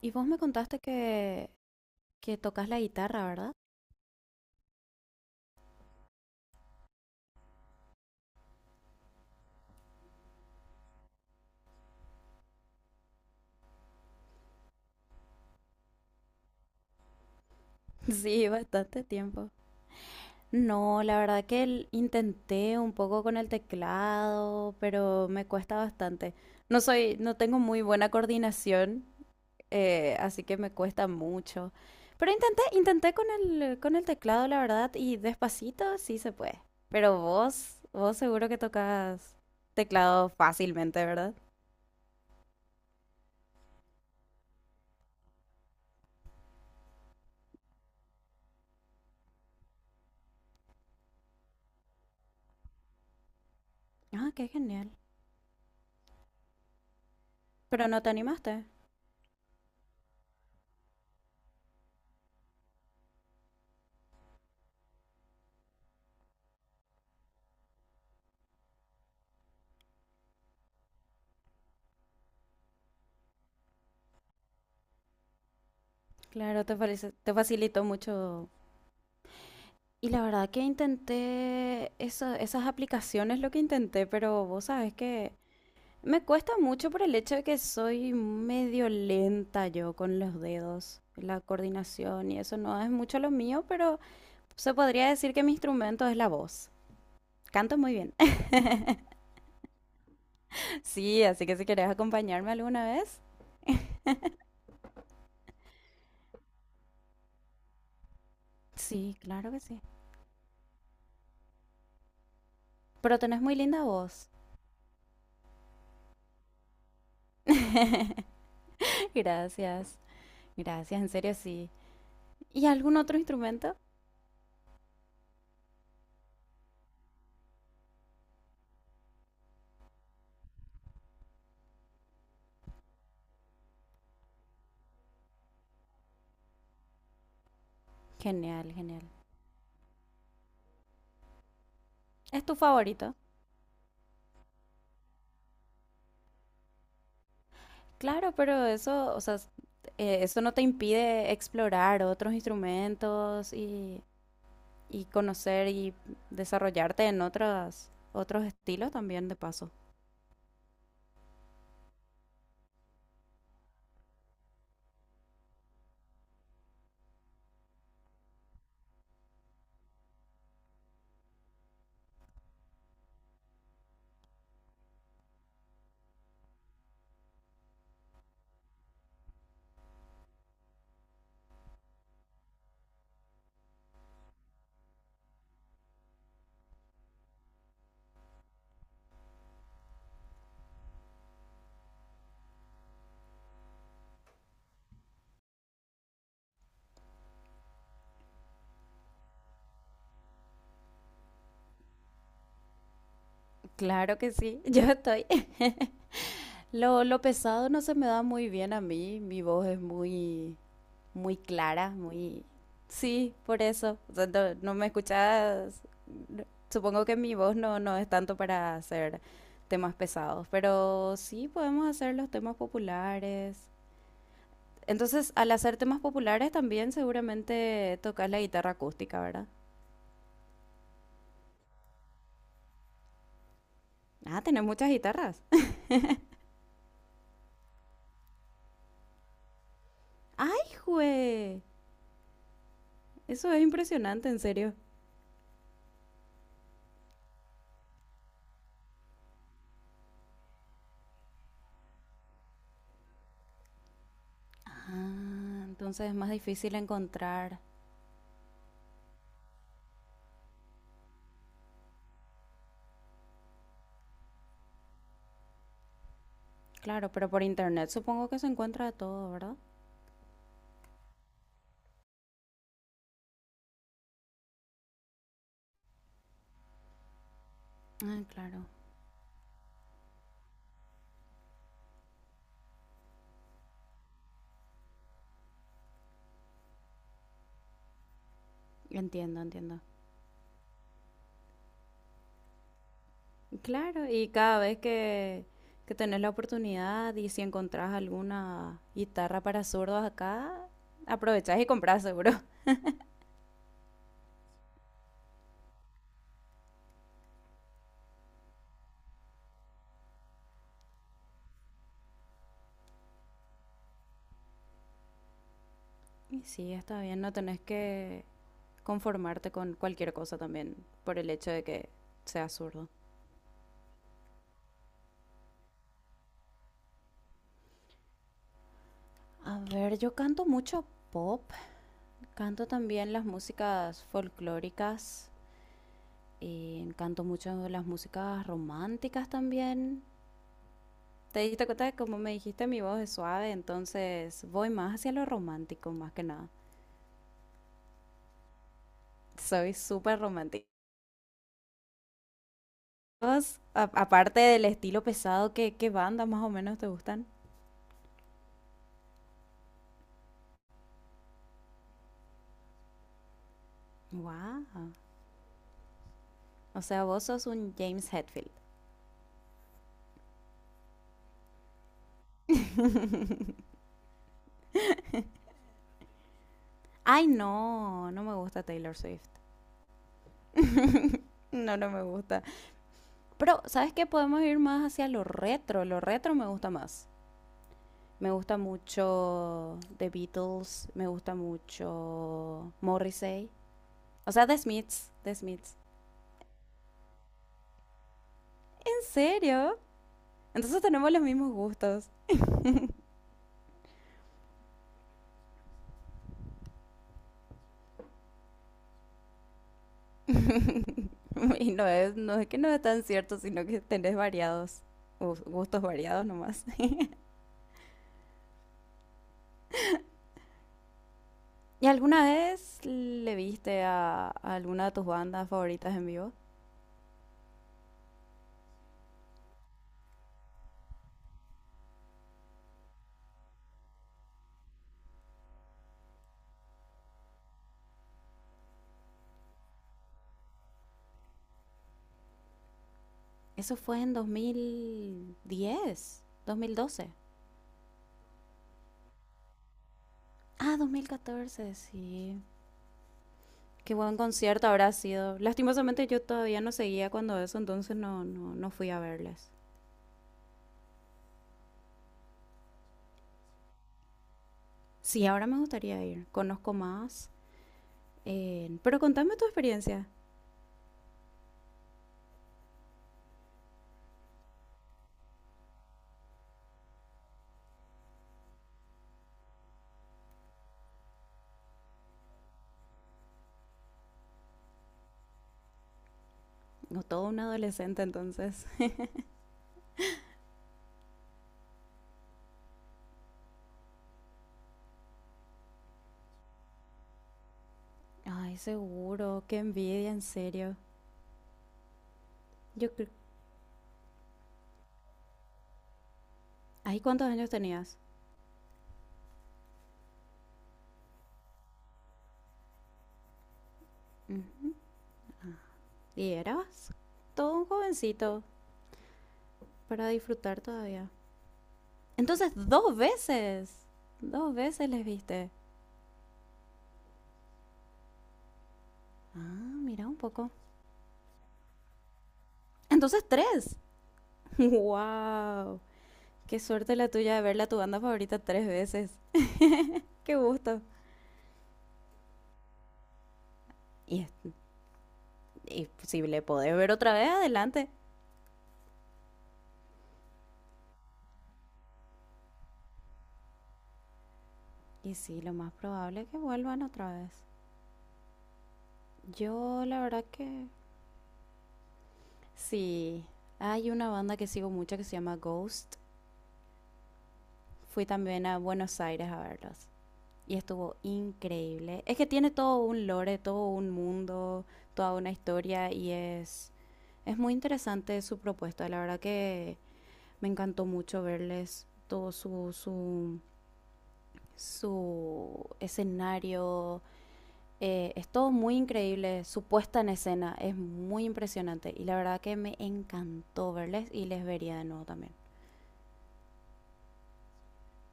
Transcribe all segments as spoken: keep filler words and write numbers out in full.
Y vos me contaste que, que tocas la guitarra, ¿verdad? Sí, bastante tiempo. No, la verdad que el- intenté un poco con el teclado, pero me cuesta bastante. No soy, no tengo muy buena coordinación, eh, así que me cuesta mucho. Pero intenté, intenté con el, con el teclado, la verdad, y despacito sí se puede. Pero vos, vos seguro que tocas teclado fácilmente, ¿verdad? Ah, qué genial. Pero no te animaste. Claro, te, falice- te facilitó mucho. Y la verdad que intenté eso- esas aplicaciones, lo que intenté, pero vos sabes que me cuesta mucho por el hecho de que soy medio lenta yo con los dedos, la coordinación y eso no es mucho lo mío, pero se podría decir que mi instrumento es la voz. Canto muy bien. Sí, así que si querés acompañarme alguna vez. Sí, claro que sí. Pero tenés muy linda voz. Gracias. Gracias, en serio sí. ¿Y algún otro instrumento? Genial, genial. ¿Es tu favorito? Claro, pero eso, o sea, s- eh, eso no te impide explorar otros instrumentos y, y conocer y desarrollarte en otras, otros estilos también de paso. Claro que sí, yo estoy. Lo, lo pesado no se me da muy bien a mí, mi voz es muy, muy clara, muy... Sí, por eso. O sea, no, no me escuchas... Supongo que mi voz no, no es tanto para hacer temas pesados, pero sí podemos hacer los temas populares. Entonces, al hacer temas populares también seguramente tocas la guitarra acústica, ¿verdad? Ah, tenés muchas guitarras. ¡Ay, jue! Eso es impresionante, en serio. Ah, entonces es más difícil encontrar. Claro, pero por internet supongo que se encuentra de todo, ¿verdad? Ah, claro. Entiendo, entiendo. Claro, y cada vez que, que tenés la oportunidad y si encontrás alguna guitarra para zurdos acá, aprovechás y comprás seguro. Y sí, está bien, no tenés que conformarte con cualquier cosa también por el hecho de que seas zurdo. A ver, yo canto mucho pop, canto también las músicas folclóricas, y canto mucho las músicas románticas también. Te diste cuenta de cómo me dijiste, mi voz es suave, entonces voy más hacia lo romántico, más que nada. Soy súper romántica. ¿Vos, a- aparte del estilo pesado, ¿qué, qué bandas más o menos te gustan? Wow. O sea, vos sos un James Hetfield. Ay, no, no me gusta Taylor Swift. No, no me gusta. Pero, ¿sabes qué? Podemos ir más hacia lo retro. Lo retro me gusta más. Me gusta mucho The Beatles, me gusta mucho Morrissey. O sea, The Smiths, The Smiths. ¿En serio? Entonces tenemos los mismos gustos. Y no es, no es que no es tan cierto, sino que tenés variados. gus- Gustos variados nomás. ¿Y alguna vez le viste a, a alguna de tus bandas favoritas en vivo? Eso fue en dos mil diez, dos mil doce. Ah, dos mil catorce, sí. Qué buen concierto habrá sido. Lastimosamente yo todavía no seguía cuando eso, entonces no, no, no fui a verles. Sí, ahora me gustaría ir. Conozco más. Eh, pero contame tu experiencia. No, todo un adolescente entonces. Ay, seguro, qué envidia, en serio. Yo creo... Ay, ¿cuántos años tenías? Ujú. ¿Y eras? Todo un jovencito para disfrutar todavía. Entonces, dos veces. Dos veces les viste. Ah, mira un poco. Entonces, tres. ¡Wow! Qué suerte la tuya de verla a tu banda favorita tres veces. ¡Qué gusto! Y, es- y si le podés ver otra vez, adelante. Y sí, lo más probable es que vuelvan otra vez. Yo la verdad que sí. Hay una banda que sigo mucho que se llama Ghost. Fui también a Buenos Aires a verlos. Y estuvo increíble. Es que tiene todo un lore, todo un mundo, toda una historia y es, es muy interesante su propuesta. La verdad que me encantó mucho verles todo su, su, su escenario. Eh, es todo muy increíble, su puesta en escena es muy impresionante y la verdad que me encantó verles y les vería de nuevo también.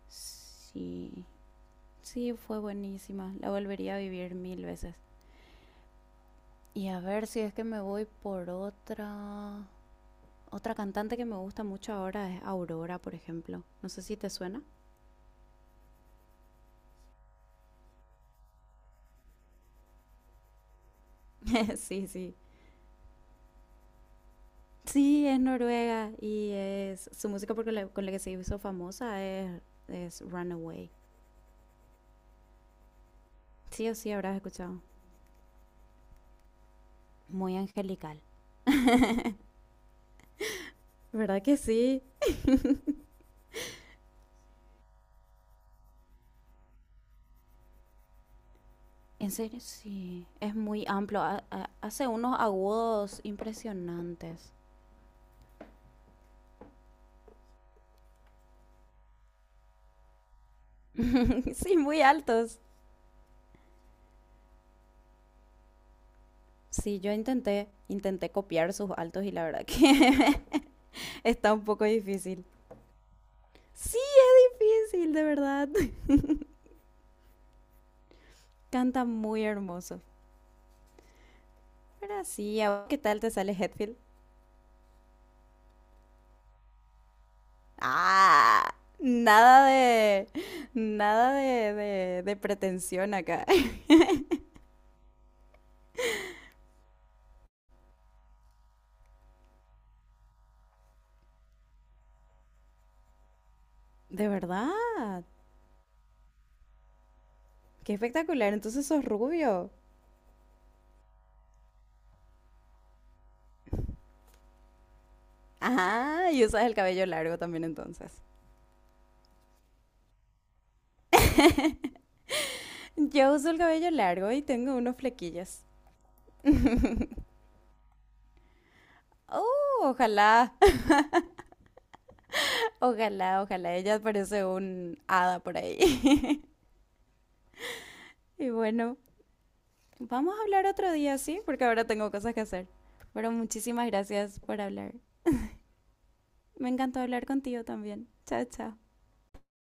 Sí, sí, fue buenísima, la volvería a vivir mil veces. Y a ver si es que me voy por otra... Otra cantante que me gusta mucho ahora es Aurora, por ejemplo. No sé si te suena. Sí, sí. Sí, es noruega y es su música porque la- con la que se hizo famosa es, es Runaway. Sí o sí habrás escuchado. Muy angelical. ¿Verdad que sí? En serio, sí. Es muy amplio. Ha- ha- hace unos agudos impresionantes. Sí, muy altos. Sí, yo intenté, intenté copiar sus altos y la verdad que está un poco difícil. Sí, es difícil, de verdad. Canta muy hermoso. Pero sí, ¿a vos qué tal te sale Hetfield? Ah, nada de, nada de, de, de pretensión acá. De verdad. Qué espectacular, entonces sos rubio. Ah, y usas el cabello largo también entonces. Yo uso el cabello largo y tengo unos flequillos. Oh, ojalá, ojalá, ojalá. Ella parece un hada por ahí. Y bueno, vamos a hablar otro día, ¿sí? Porque ahora tengo cosas que hacer. Pero muchísimas gracias por hablar. Me encantó hablar contigo también. Chao, chao.